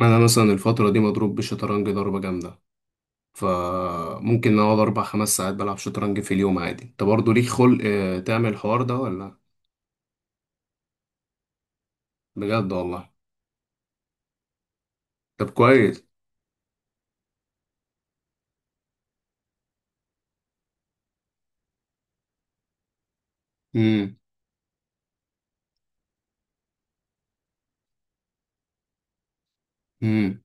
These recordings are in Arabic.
انا مثلا الفتره دي مضروب بالشطرنج ضربه جامده. فممكن اقعد اربع خمس ساعات بلعب شطرنج في اليوم عادي. انت برضه ليك خلق تعمل الحوار ده ولا؟ بجد والله. طب كويس. امم امم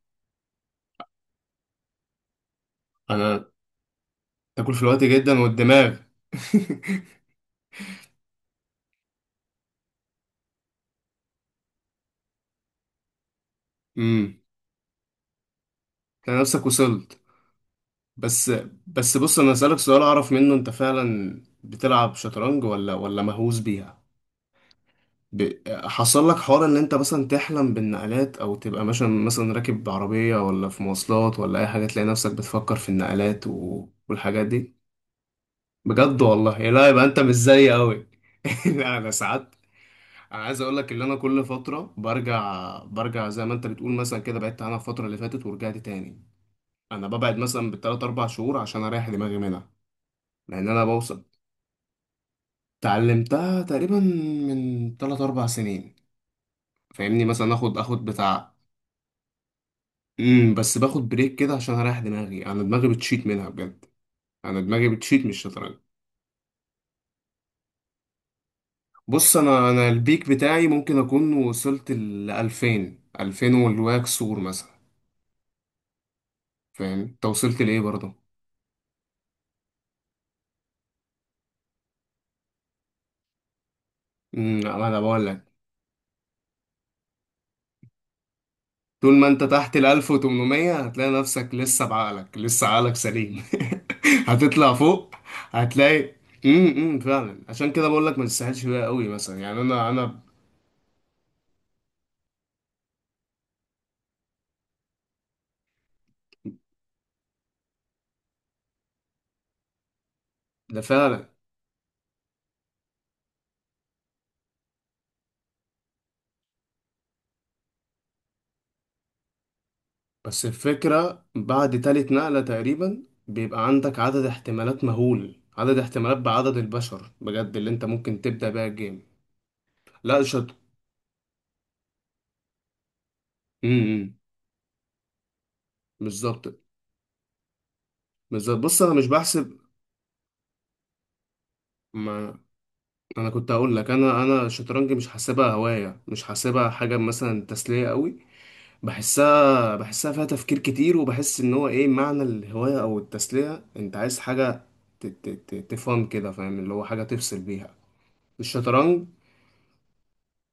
انا تاكل في الوقت جدا والدماغ. امم. انا نفسك وصلت. بس بس، بص، انا اسالك سؤال اعرف منه انت فعلا بتلعب شطرنج ولا مهووس بيها. ب... حصل لك حوار ان انت مثلا تحلم بالنقلات، او تبقى مثلا راكب عربية ولا في مواصلات ولا اي حاجة، تلاقي نفسك بتفكر في النقلات والحاجات دي؟ بجد والله؟ يا لا، يبقى انت مش زيي قوي. لا، انا ساعات انا عايز اقول لك ان انا كل فترة برجع. زي ما انت بتقول مثلا، كده بعدت عنها الفترة اللي فاتت ورجعت تاني. انا ببعد مثلا بالتلات اربع شهور عشان اريح دماغي منها. لان انا بوصل. اتعلمتها تقريبا من تلات اربع سنين. فاهمني؟ مثلا اخد بتاع. امم، بس باخد بريك كده عشان اريح دماغي، انا دماغي بتشيت منها بجد. انا دماغي بتشيت من الشطرنج. بص، انا البيك بتاعي ممكن اكون وصلت ل 2000 2000 والواكسور مثلا. فاهم؟ انت وصلت لايه برضه؟ امم، انا بقول لك، طول ما انت تحت ال 1800 هتلاقي نفسك لسه بعقلك، لسه عقلك سليم. هتطلع فوق هتلاقي. امم، فعلا عشان كده بقول لك ما تستاهلش بيها قوي، مثلا يعني انا. ده فعلا. بس الفكرة بعد تالت نقلة تقريبا بيبقى عندك عدد احتمالات مهول، عدد احتمالات بعدد البشر بجد، اللي انت ممكن تبدأ بيها الجيم. لا شط امم. بالظبط، بالظبط. بص، انا مش بحسب. ما انا كنت هقول لك، انا الشطرنج مش حاسبها هواية، مش حاسبها حاجة مثلا تسلية قوي. بحسها فيها تفكير كتير، وبحس ان هو ايه معنى الهواية او التسلية؟ انت عايز حاجة تفهم كده، فاهم؟ اللي هو حاجة تفصل بيها. الشطرنج،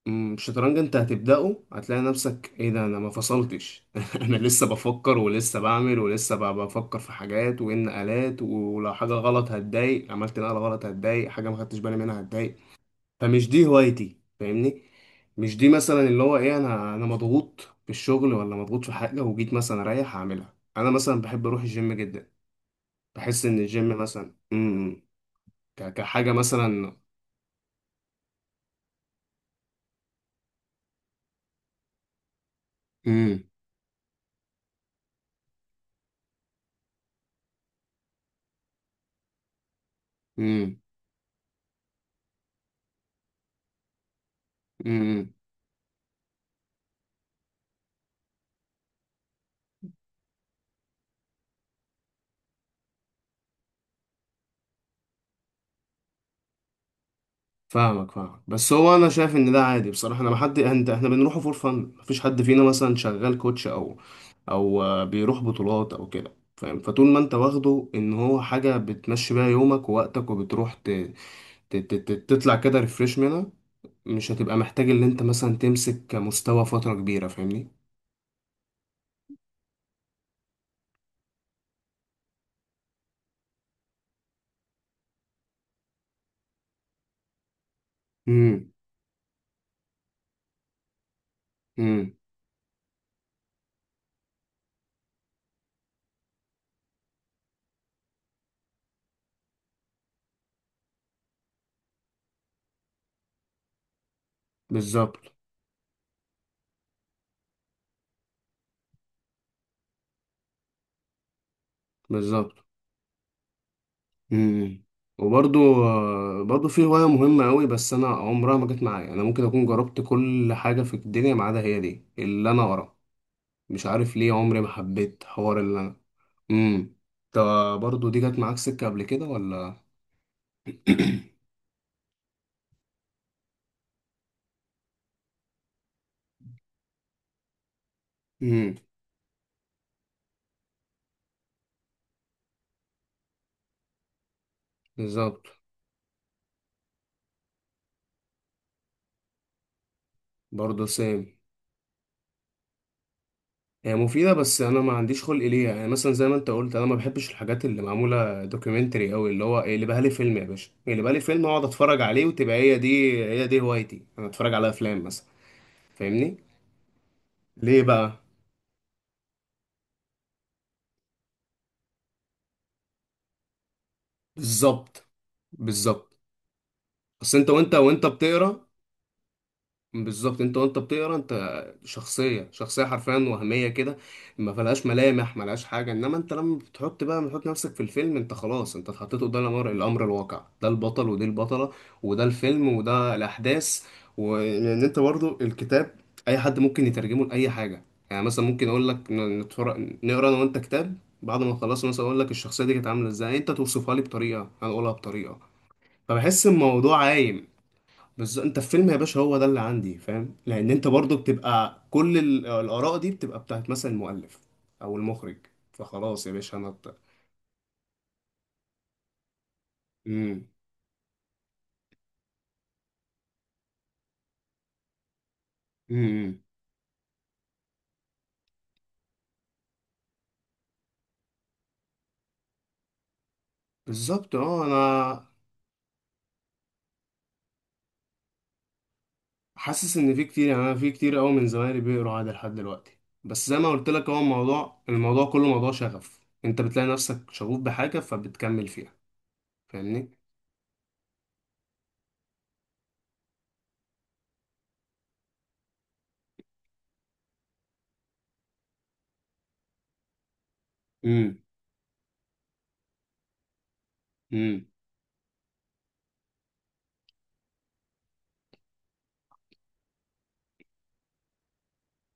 أمم، الشطرنج انت هتبدأه هتلاقي نفسك ايه ده، انا ما فصلتش. انا لسه بفكر، ولسه بعمل، ولسه بفكر في حاجات وان آلات، ولو حاجة غلط هتضايق، عملت نقلة غلط هتضايق، حاجة ما خدتش بالي منها هتضايق. فمش دي هوايتي، فاهمني؟ مش دي مثلا اللي هو ايه، انا مضغوط في الشغل ولا مضغوط في حاجة وجيت مثلا اريح هعملها. انا مثلا بحب اروح الجيم جدا. بحس ان الجيم مثلا امم، كحاجة مثلا. امم امم. فاهمك، فاهمك. بس هو انا شايف ان ده عادي بصراحه، انا ما حد، انت احنا بنروحه فور فن، مفيش حد فينا مثلا شغال كوتش، او او بيروح بطولات او كده، فاهم؟ فطول ما انت واخده ان هو حاجه بتمشي بيها يومك ووقتك، وبتروح تطلع كده ريفريش منها، مش هتبقى محتاج ان انت مثلا تمسك مستوى فتره كبيره، فاهمني؟ امم امم. بالظبط، بالظبط. امم. وبرضو برضو في هواية مهمة قوي، بس أنا عمرها ما جت معايا. أنا ممكن أكون جربت كل حاجة في الدنيا ما عدا هي دي اللي أنا ورا. مش عارف ليه عمري ما حبيت حوار اللي أنا. امم. طب برضو دي جت معاك سكة قبل كده ولا؟ امم. بالظبط. برضو سام، هي مفيدة، بس أنا ما عنديش خلق ليها. يعني مثلا زي ما أنت قلت، أنا ما بحبش الحاجات اللي معمولة دوكيومنتري أوي، اللي هو، اللي بقى لي فيلم يا باشا، اللي بقى لي فيلم أقعد أتفرج عليه وتبقى هي دي. هي دي هوايتي، أنا أتفرج على أفلام مثلا. فاهمني؟ ليه بقى؟ بالظبط، بالظبط. اصل انت وانت بتقرا. بالظبط، انت وانت بتقرا انت شخصيه حرفيا وهميه كده. ما فيهاش ملامح، ما لهاش حاجه. انما انت لما بتحط بقى، بتحط نفسك في الفيلم، انت خلاص انت اتحطيت قدام الامر الواقع. ده البطل، ودي البطله، وده الفيلم، وده الاحداث. وان انت برضو الكتاب اي حد ممكن يترجمه لاي حاجه. يعني مثلا ممكن اقول لك نتفرج نقرا انا وانت كتاب، بعد ما خلصنا مثلا اقول لك الشخصيه دي كانت عامله ازاي، انت توصفها لي بطريقه، انا اقولها بطريقه. فبحس الموضوع عايم. بس انت في فيلم يا باشا هو ده اللي عندي فاهم. لان انت برضو بتبقى كل الاراء دي بتبقى بتاعت مثلا المؤلف او المخرج. فخلاص يا باشا انا امم. امم امم. بالظبط. اه انا حاسس ان في كتير، يعني انا في كتير قوي من زمايلي بيقروا عادي لحد دلوقتي. بس زي ما قلت لك، هو الموضوع كله موضوع شغف. انت بتلاقي نفسك شغوف بحاجه فبتكمل فيها، فاهمني؟ امم امم.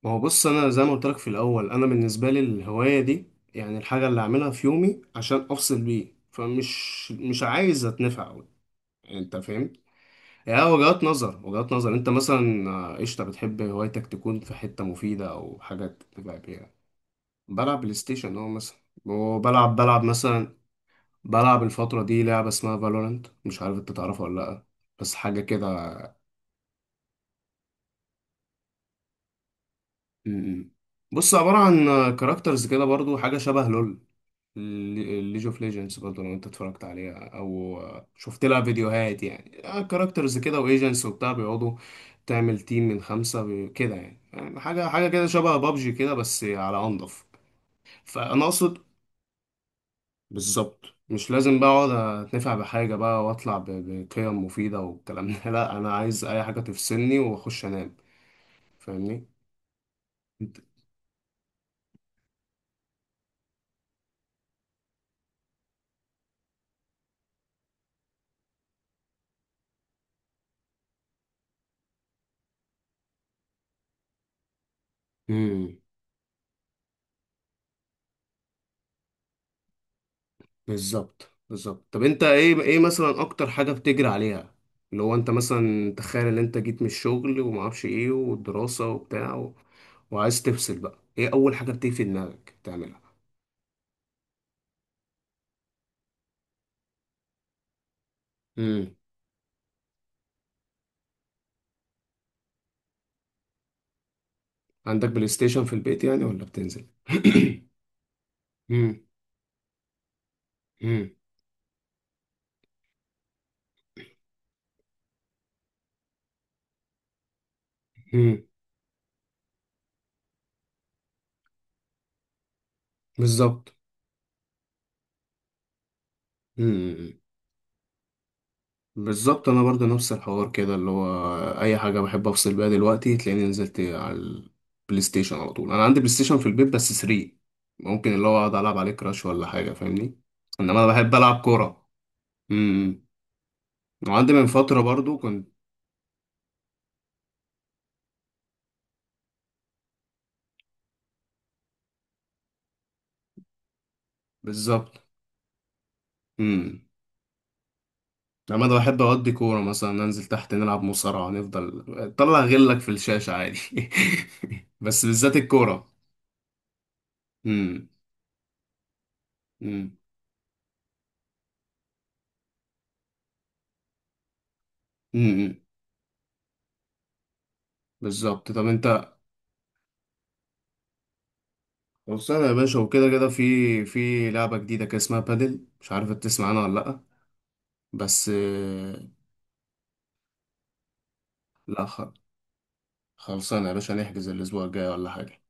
ما هو بص انا زي ما قلت لك في الاول، انا بالنسبه لي الهوايه دي يعني الحاجه اللي اعملها في يومي عشان افصل بيه، فمش مش عايز اتنفع قوي. انت فاهم؟ يعني وجهات نظر، وجهات نظر. انت مثلا قشطه بتحب هوايتك تكون في حته مفيده او حاجه تبقى بيها. بلعب بلاي ستيشن اه مثلا. وبلعب مثلا، بلعب الفتره دي لعبه اسمها فالورانت، مش عارف انت تعرفها ولا لا، بس حاجه كده. م- م. بص، عباره عن كاركترز كده، برضو حاجه شبه لول ليج اوف ليجندز، برضه لو انت اتفرجت عليها او شفت لها فيديوهات يعني. كاركترز كده وايجنتس وبتاع بيقعدوا تعمل تيم من خمسة كده، يعني يعني حاجة كده شبه بابجي كده بس على أنضف. فأنا أقصد، بالظبط، مش لازم بقى أقعد أتنفع بحاجة بقى وأطلع بقيم مفيدة والكلام ده. لا، أنا عايز أي حاجة تفصلني وأخش أنام. فاهمني؟ أنت- بالظبط، بالظبط. طب انت ايه، مثلا اكتر حاجه بتجري عليها اللي هو، انت مثلا تخيل ان انت جيت من الشغل وما اعرفش ايه، والدراسه وبتاع وعايز تفصل بقى، ايه اول حاجه بتيجي في دماغك تعملها؟ امم. عندك بلاي ستيشن في البيت يعني ولا بتنزل؟ امم امم امم. بالظبط، بالظبط. انا برضه نفس الحوار كده، اللي هو اي حاجه بحب افصل بيها دلوقتي تلاقيني نزلت على البلاي ستيشن على طول. انا عندي بلاي ستيشن في البيت بس 3. ممكن اللي هو اقعد العب عليه كراش ولا حاجه، فاهمني؟ انما انا بحب العب كوره. امم. وعندي من فتره برضه كنت. بالظبط. امم. انما انا بحب اقضي كوره مثلا ننزل تحت نلعب مصارعه، نفضل طلع غلك في الشاشه عادي. بس بالذات الكوره. امم امم امم. بالظبط. طب انت خلصانة يا باشا، وكده كده في في لعبة جديدة كده اسمها بادل، مش عارف إنت تسمع عنها ولا لأ، بس لا خلصانة يا باشا، نحجز الأسبوع الجاي ولا حاجة؟